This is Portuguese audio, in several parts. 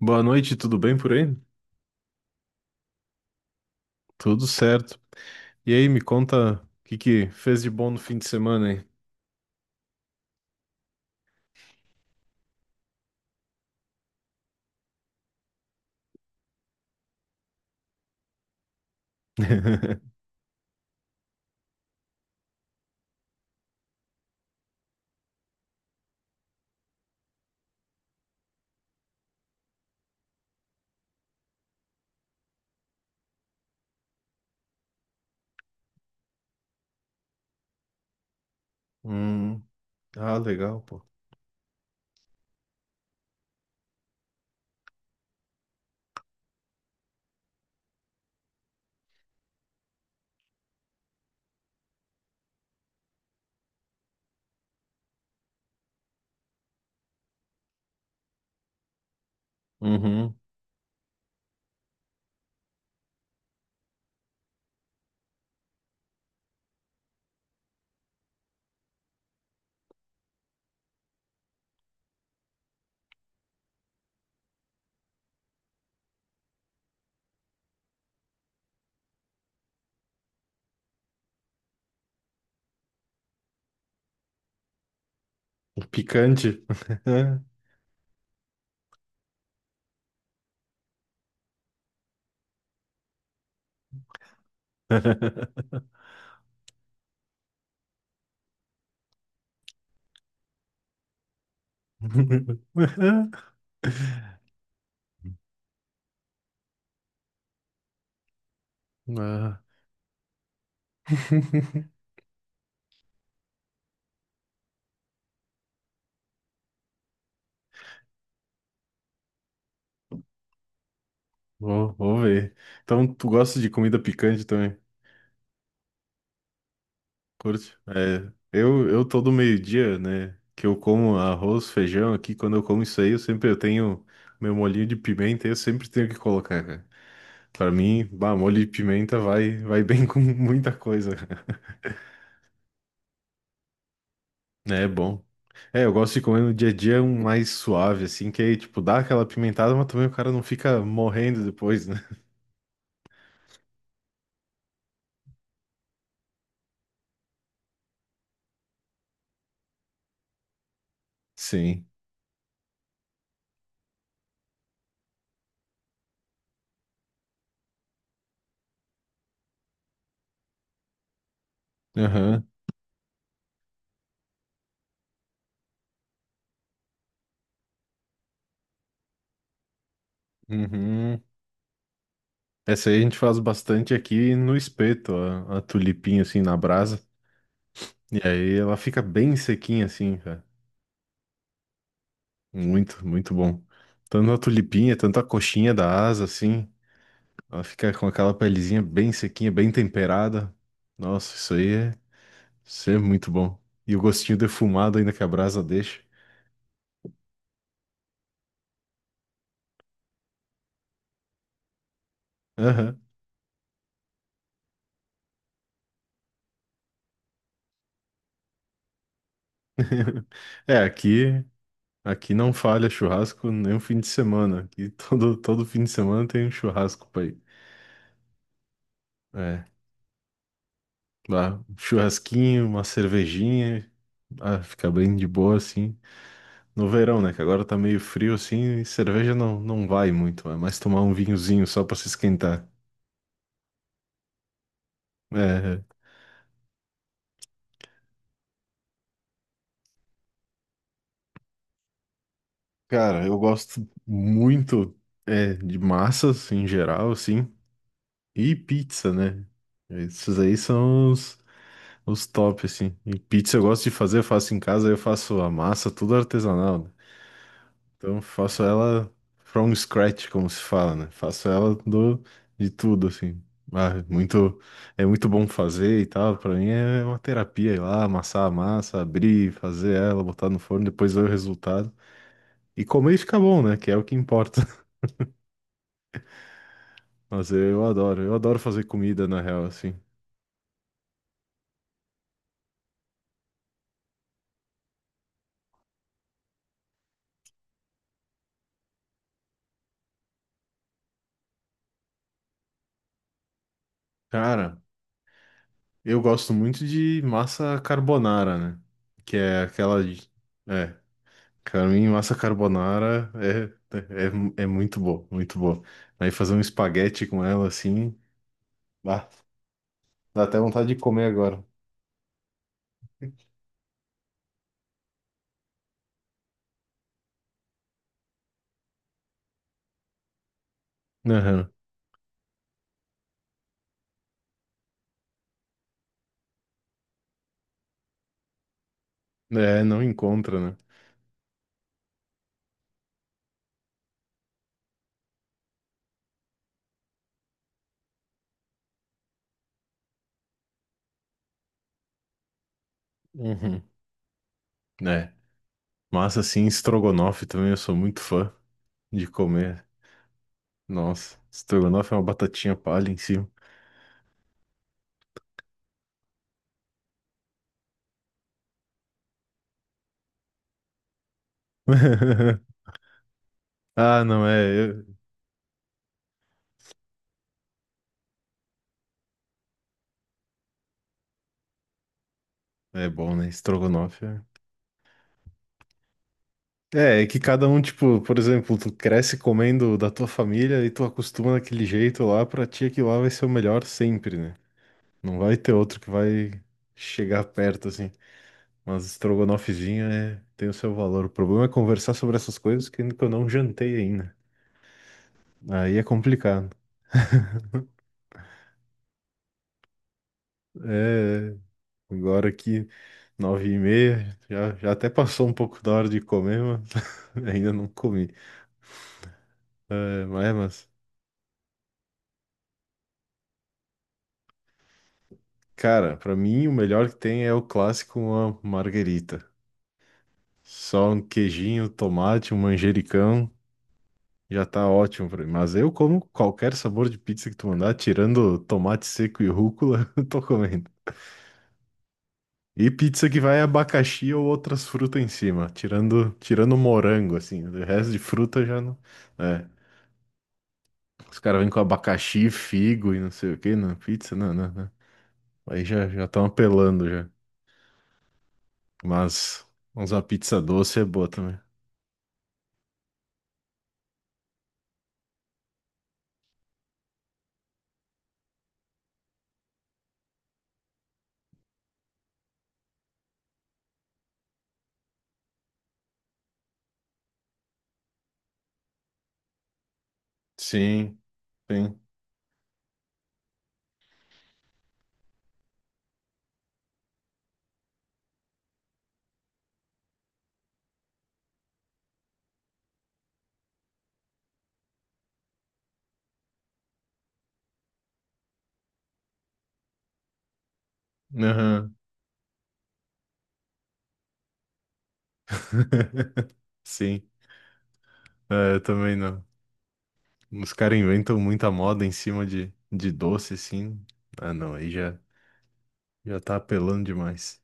Boa noite, tudo bem por aí? Tudo certo. E aí, me conta o que fez de bom no fim de semana, hein? Hum, ah, legal, pô. Uhum, picante. Ah, vou ver. Então, tu gosta de comida picante também? Curte? É, eu todo meio-dia, né, que eu como arroz, feijão aqui, quando eu como isso aí, eu sempre eu tenho meu molhinho de pimenta, eu sempre tenho que colocar, cara. Pra mim, bah, molho de pimenta vai bem com muita coisa. É bom. É, eu gosto de comer no dia a dia um mais suave, assim, que aí, tipo, dá aquela pimentada, mas também o cara não fica morrendo depois, né? Sim. Aham. Uhum. Essa aí a gente faz bastante aqui no espeto, a tulipinha, assim, na brasa. E aí ela fica bem sequinha, assim, cara. Muito, muito bom. Tanto a tulipinha, tanto a coxinha da asa, assim. Ela fica com aquela pelezinha bem sequinha, bem temperada. Nossa, isso é muito bom. E o gostinho defumado ainda que a brasa deixa. Aham. É, aqui, aqui não falha churrasco nem um fim de semana. Aqui todo fim de semana tem um churrasco pra ir. É, lá, um churrasquinho, uma cervejinha, ah, fica bem de boa assim. No verão, né? Que agora tá meio frio assim, e cerveja não vai muito, é mais tomar um vinhozinho só pra se esquentar. É, é. Cara, eu gosto muito é, de massas em geral, assim, e pizza, né? Esses aí são os top, assim. E pizza eu gosto de fazer, eu faço em casa, eu faço a massa, tudo artesanal, né? Então eu faço ela from scratch, como se fala, né? De tudo, assim. Ah, é muito, é muito bom fazer e tal, pra mim é uma terapia ir lá, amassar a massa, abrir, fazer ela, botar no forno, depois ver o resultado. E comer e ficar bom, né? Que é o que importa. Mas é, eu adoro fazer comida na real, assim. Cara, eu gosto muito de massa carbonara, né? Que é aquela. É, pra mim, massa carbonara é muito boa, muito boa. Aí fazer um espaguete com ela, assim, bah, dá até vontade de comer agora. Aham. É, não encontra, né? Uhum. É. Massa, assim, estrogonofe também, eu sou muito fã de comer. Nossa, estrogonofe é uma batatinha palha em cima. Ah, não é. É bom, né? Estrogonofe. É, é que cada um, tipo, por exemplo, tu cresce comendo da tua família e tu acostuma daquele jeito lá, pra ti aquilo lá vai ser o melhor sempre, né? Não vai ter outro que vai chegar perto, assim. Mas estrogonofezinho é, tem o seu valor. O problema é conversar sobre essas coisas que eu não jantei ainda. Aí é complicado. É, agora aqui, 9h30, já até passou um pouco da hora de comer, mas ainda não comi. É, mas Cara, pra mim o melhor que tem é o clássico, uma marguerita. Só um queijinho, tomate, um manjericão, já tá ótimo pra mim. Mas eu como qualquer sabor de pizza que tu mandar, tirando tomate seco e rúcula, eu tô comendo. E pizza que vai abacaxi ou outras frutas em cima, tirando morango assim. O resto de fruta já não, é. Os caras vêm com abacaxi, figo e não sei o que na pizza, não. Aí já estão apelando já. Mas uma pizza doce é boa também. Sim, sim. Aham. Sim. É, eu também não. Os caras inventam muita moda em cima de doce, assim. Ah, não, já tá apelando demais.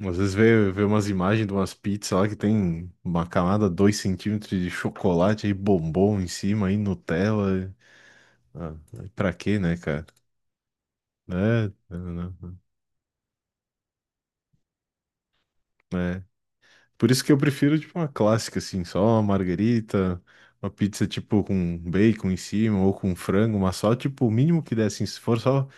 Às vezes vê umas imagens de umas pizzas lá que tem uma camada 2 centímetros de chocolate aí bombom em cima, aí Nutella. Ah, pra quê, né, cara? É, não, não. Por isso que eu prefiro, tipo, uma clássica, assim, só uma margarita, uma pizza, tipo, com bacon em cima ou com frango, mas só, tipo, o mínimo que der, assim, se for só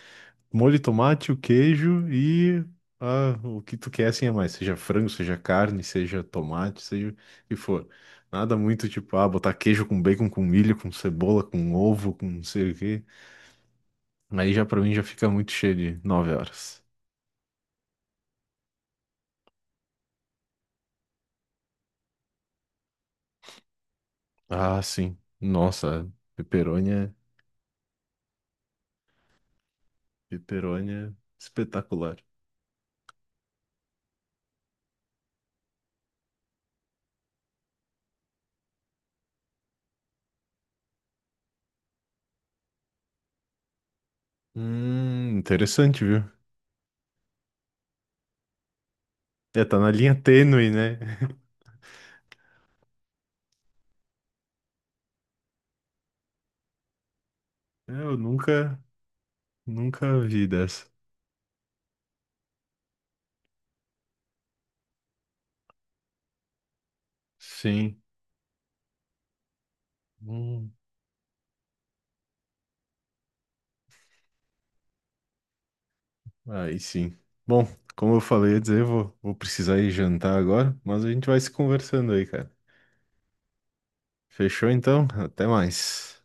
molho de tomate, o queijo e ah, o que tu quer, assim, a mais. Seja frango, seja carne, seja tomate, seja o que for. Nada muito, tipo, ah, botar queijo com bacon, com milho, com cebola, com ovo, com não sei o quê. Aí já, pra mim, já fica muito cheio de 9 horas. Ah, sim. Nossa, pepperoni é... Pepperoni é espetacular. Interessante, viu? É, tá na linha tênue, né? É, eu nunca vi dessa. Sim. Hum, aí sim. Bom, como eu falei, ia dizer, vou precisar ir jantar agora, mas a gente vai se conversando aí, cara. Fechou então? Até mais.